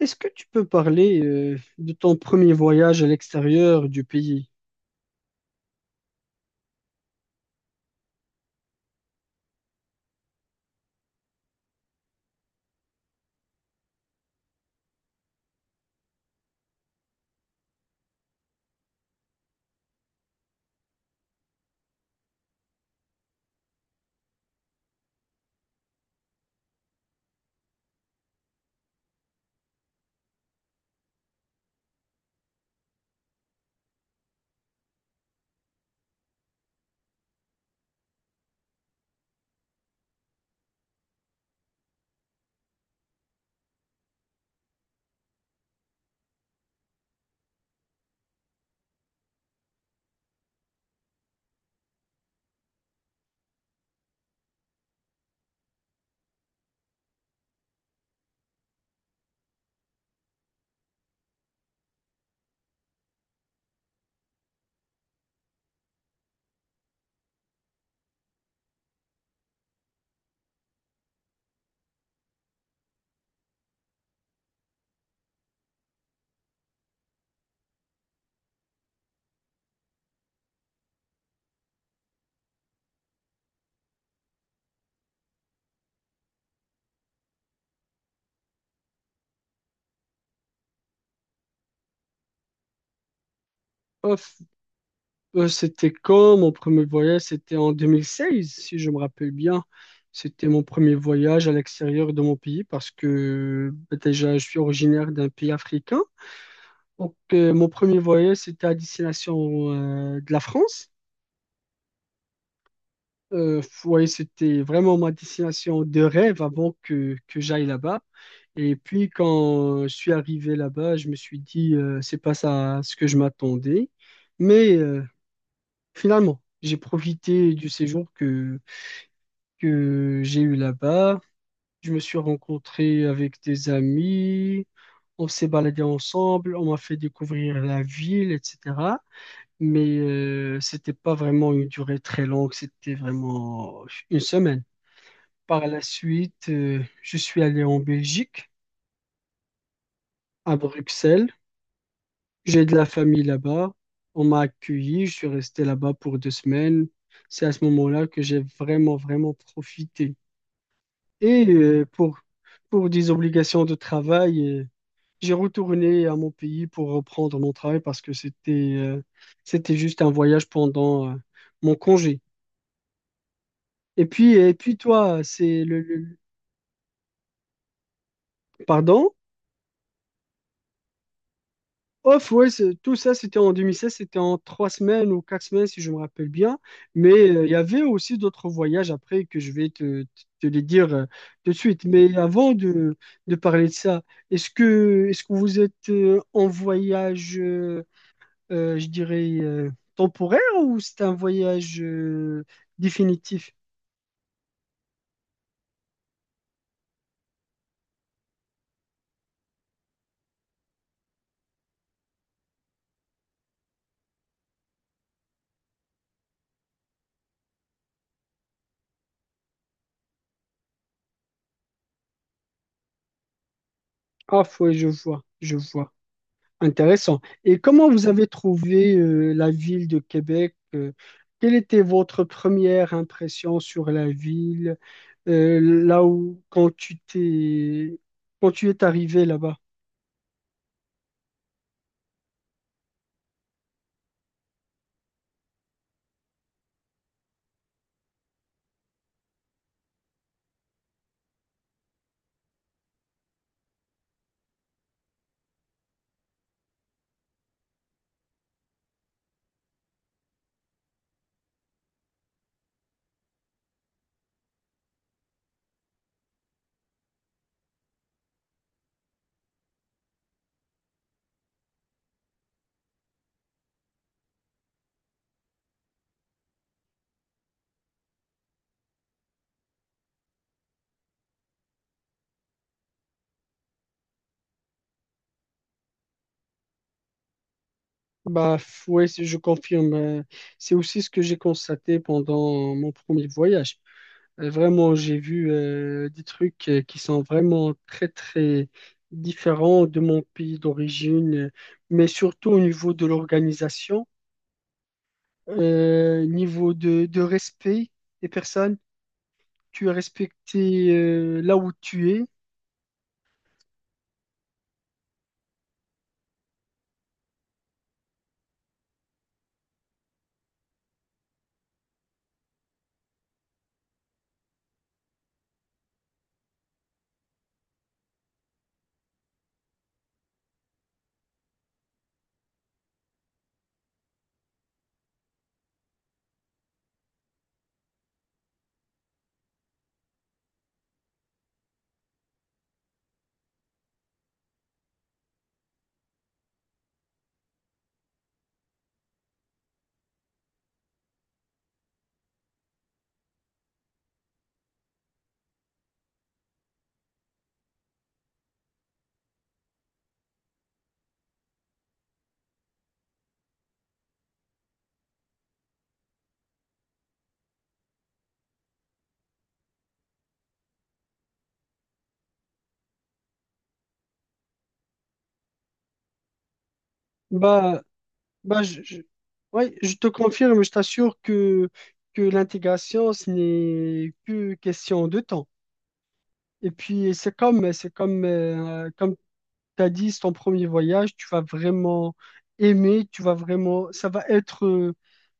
Est-ce que tu peux parler de ton premier voyage à l'extérieur du pays? Oh, f- C'était quand mon premier voyage? C'était en 2016, si je me rappelle bien. C'était mon premier voyage à l'extérieur de mon pays parce que bah, déjà, je suis originaire d'un pays africain. Donc, mon premier voyage, c'était à destination de la France. Ouais, c'était vraiment ma destination de rêve avant que j'aille là-bas. Et puis quand je suis arrivé là-bas, je me suis dit, c'est pas ça ce que je m'attendais. Mais finalement, j'ai profité du séjour que j'ai eu là-bas. Je me suis rencontré avec des amis, on s'est baladé ensemble, on m'a fait découvrir la ville, etc. Mais c'était pas vraiment une durée très longue, c'était vraiment une semaine. Par la suite, je suis allé en Belgique, à Bruxelles. J'ai de la famille là-bas. On m'a accueilli. Je suis resté là-bas pour deux semaines. C'est à ce moment-là que j'ai vraiment, vraiment profité. Et pour des obligations de travail, j'ai retourné à mon pays pour reprendre mon travail parce que c'était c'était juste un voyage pendant mon congé. Et puis toi, c'est le- Pardon? Off, ouais, c'est- tout ça, c'était en 2016, c'était en trois semaines ou quatre semaines, si je me rappelle bien. Mais il y avait aussi d'autres voyages après que je vais te les dire tout de suite. Mais avant de parler de ça, est-ce que vous êtes en voyage, je dirais, temporaire ou c'est un voyage définitif? Off, ouais, je vois, je vois. Intéressant. Et comment vous avez trouvé la ville de Québec? Quelle était votre première impression sur la ville, là où quand tu es arrivé là-bas? Bah ouais, c'est- je confirme. C'est aussi ce que j'ai constaté pendant mon premier voyage. Vraiment, j'ai vu des trucs qui sont vraiment très très différents de mon pays d'origine, mais surtout au niveau de l'organisation. Niveau de respect des personnes, tu es respecté là où tu es, bah, bah je, je- ouais, je te confirme, je t'assure que l'intégration, ce n'est que question de temps. Et puis, comme t'as dit, c'est ton premier voyage, tu vas vraiment aimer,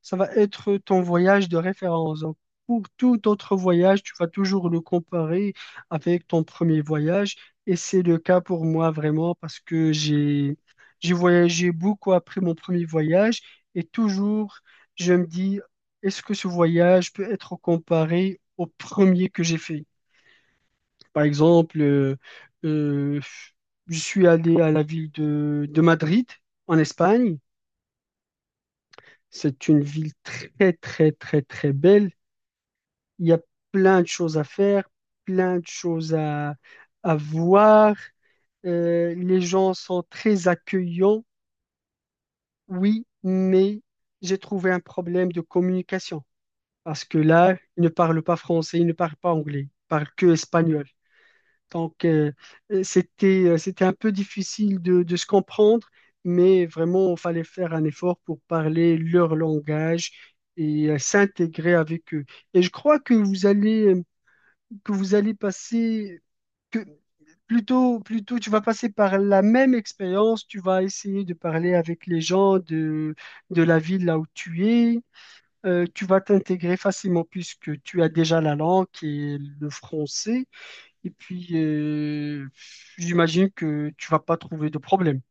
ça va être ton voyage de référence. Donc, pour tout autre voyage, tu vas toujours le comparer avec ton premier voyage. Et c'est le cas pour moi vraiment parce que j'ai voyagé beaucoup après mon premier voyage et toujours, je me dis, est-ce que ce voyage peut être comparé au premier que j'ai fait? Par exemple, euh, je suis allé à la ville de Madrid, en Espagne. C'est une ville très, très, très, très belle. Il y a plein de choses à faire, plein de choses à voir. Les gens sont très accueillants, oui, mais j'ai trouvé un problème de communication parce que là, ils ne parlent pas français, ils ne parlent pas anglais, ils parlent que espagnol. Donc, c'était, c'était un peu difficile de se comprendre, mais vraiment, il fallait faire un effort pour parler leur langage et s'intégrer avec eux. Et je crois que vous allez passer, que plutôt, tu vas passer par la même expérience, tu vas essayer de parler avec les gens de la ville là où tu es. Tu vas t'intégrer facilement puisque tu as déjà la langue qui est le français. Et puis, j'imagine que tu vas pas trouver de problème.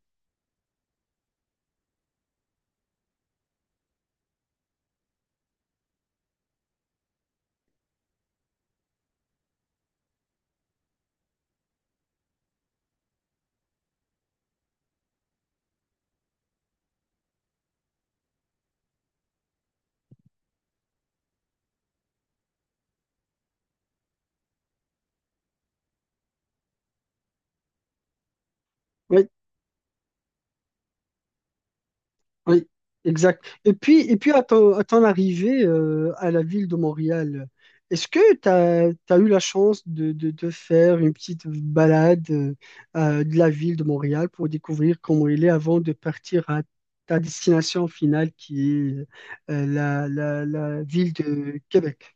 Oui, oui, exact. Et puis à à ton arrivée à la ville de Montréal, est-ce que tu as, eu la chance de faire une petite balade de la ville de Montréal pour découvrir comment il est avant de partir à ta destination finale qui est la ville de Québec?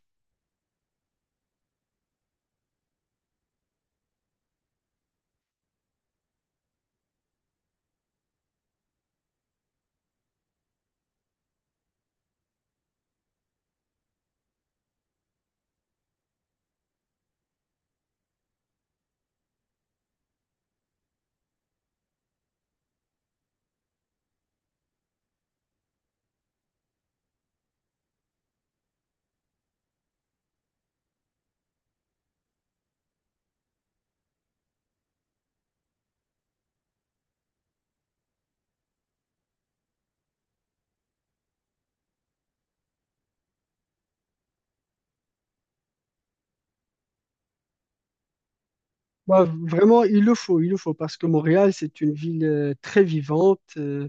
Bah, vraiment, il le faut, parce que Montréal, c'est une ville très vivante. euh,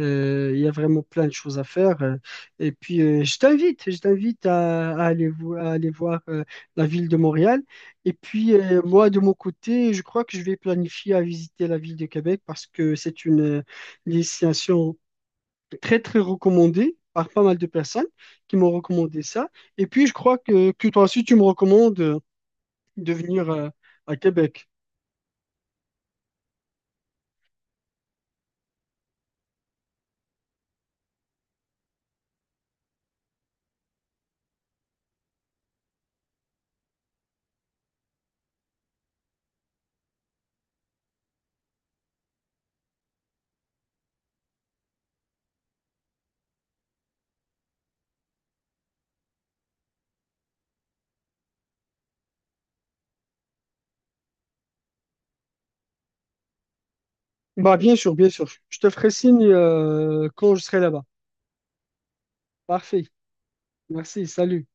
euh, Il y a vraiment plein de choses à faire. Et puis, je t'invite à aller, à aller voir la ville de Montréal. Et puis, moi, de mon côté, je crois que je vais planifier à visiter la ville de Québec parce que c'est une destination très, très recommandée par pas mal de personnes qui m'ont recommandé ça. Et puis, je crois que toi aussi, tu me recommandes de venir à Québec. Bah, bien sûr, bien sûr. Je te ferai signe quand je serai là-bas. Parfait. Merci. Salut.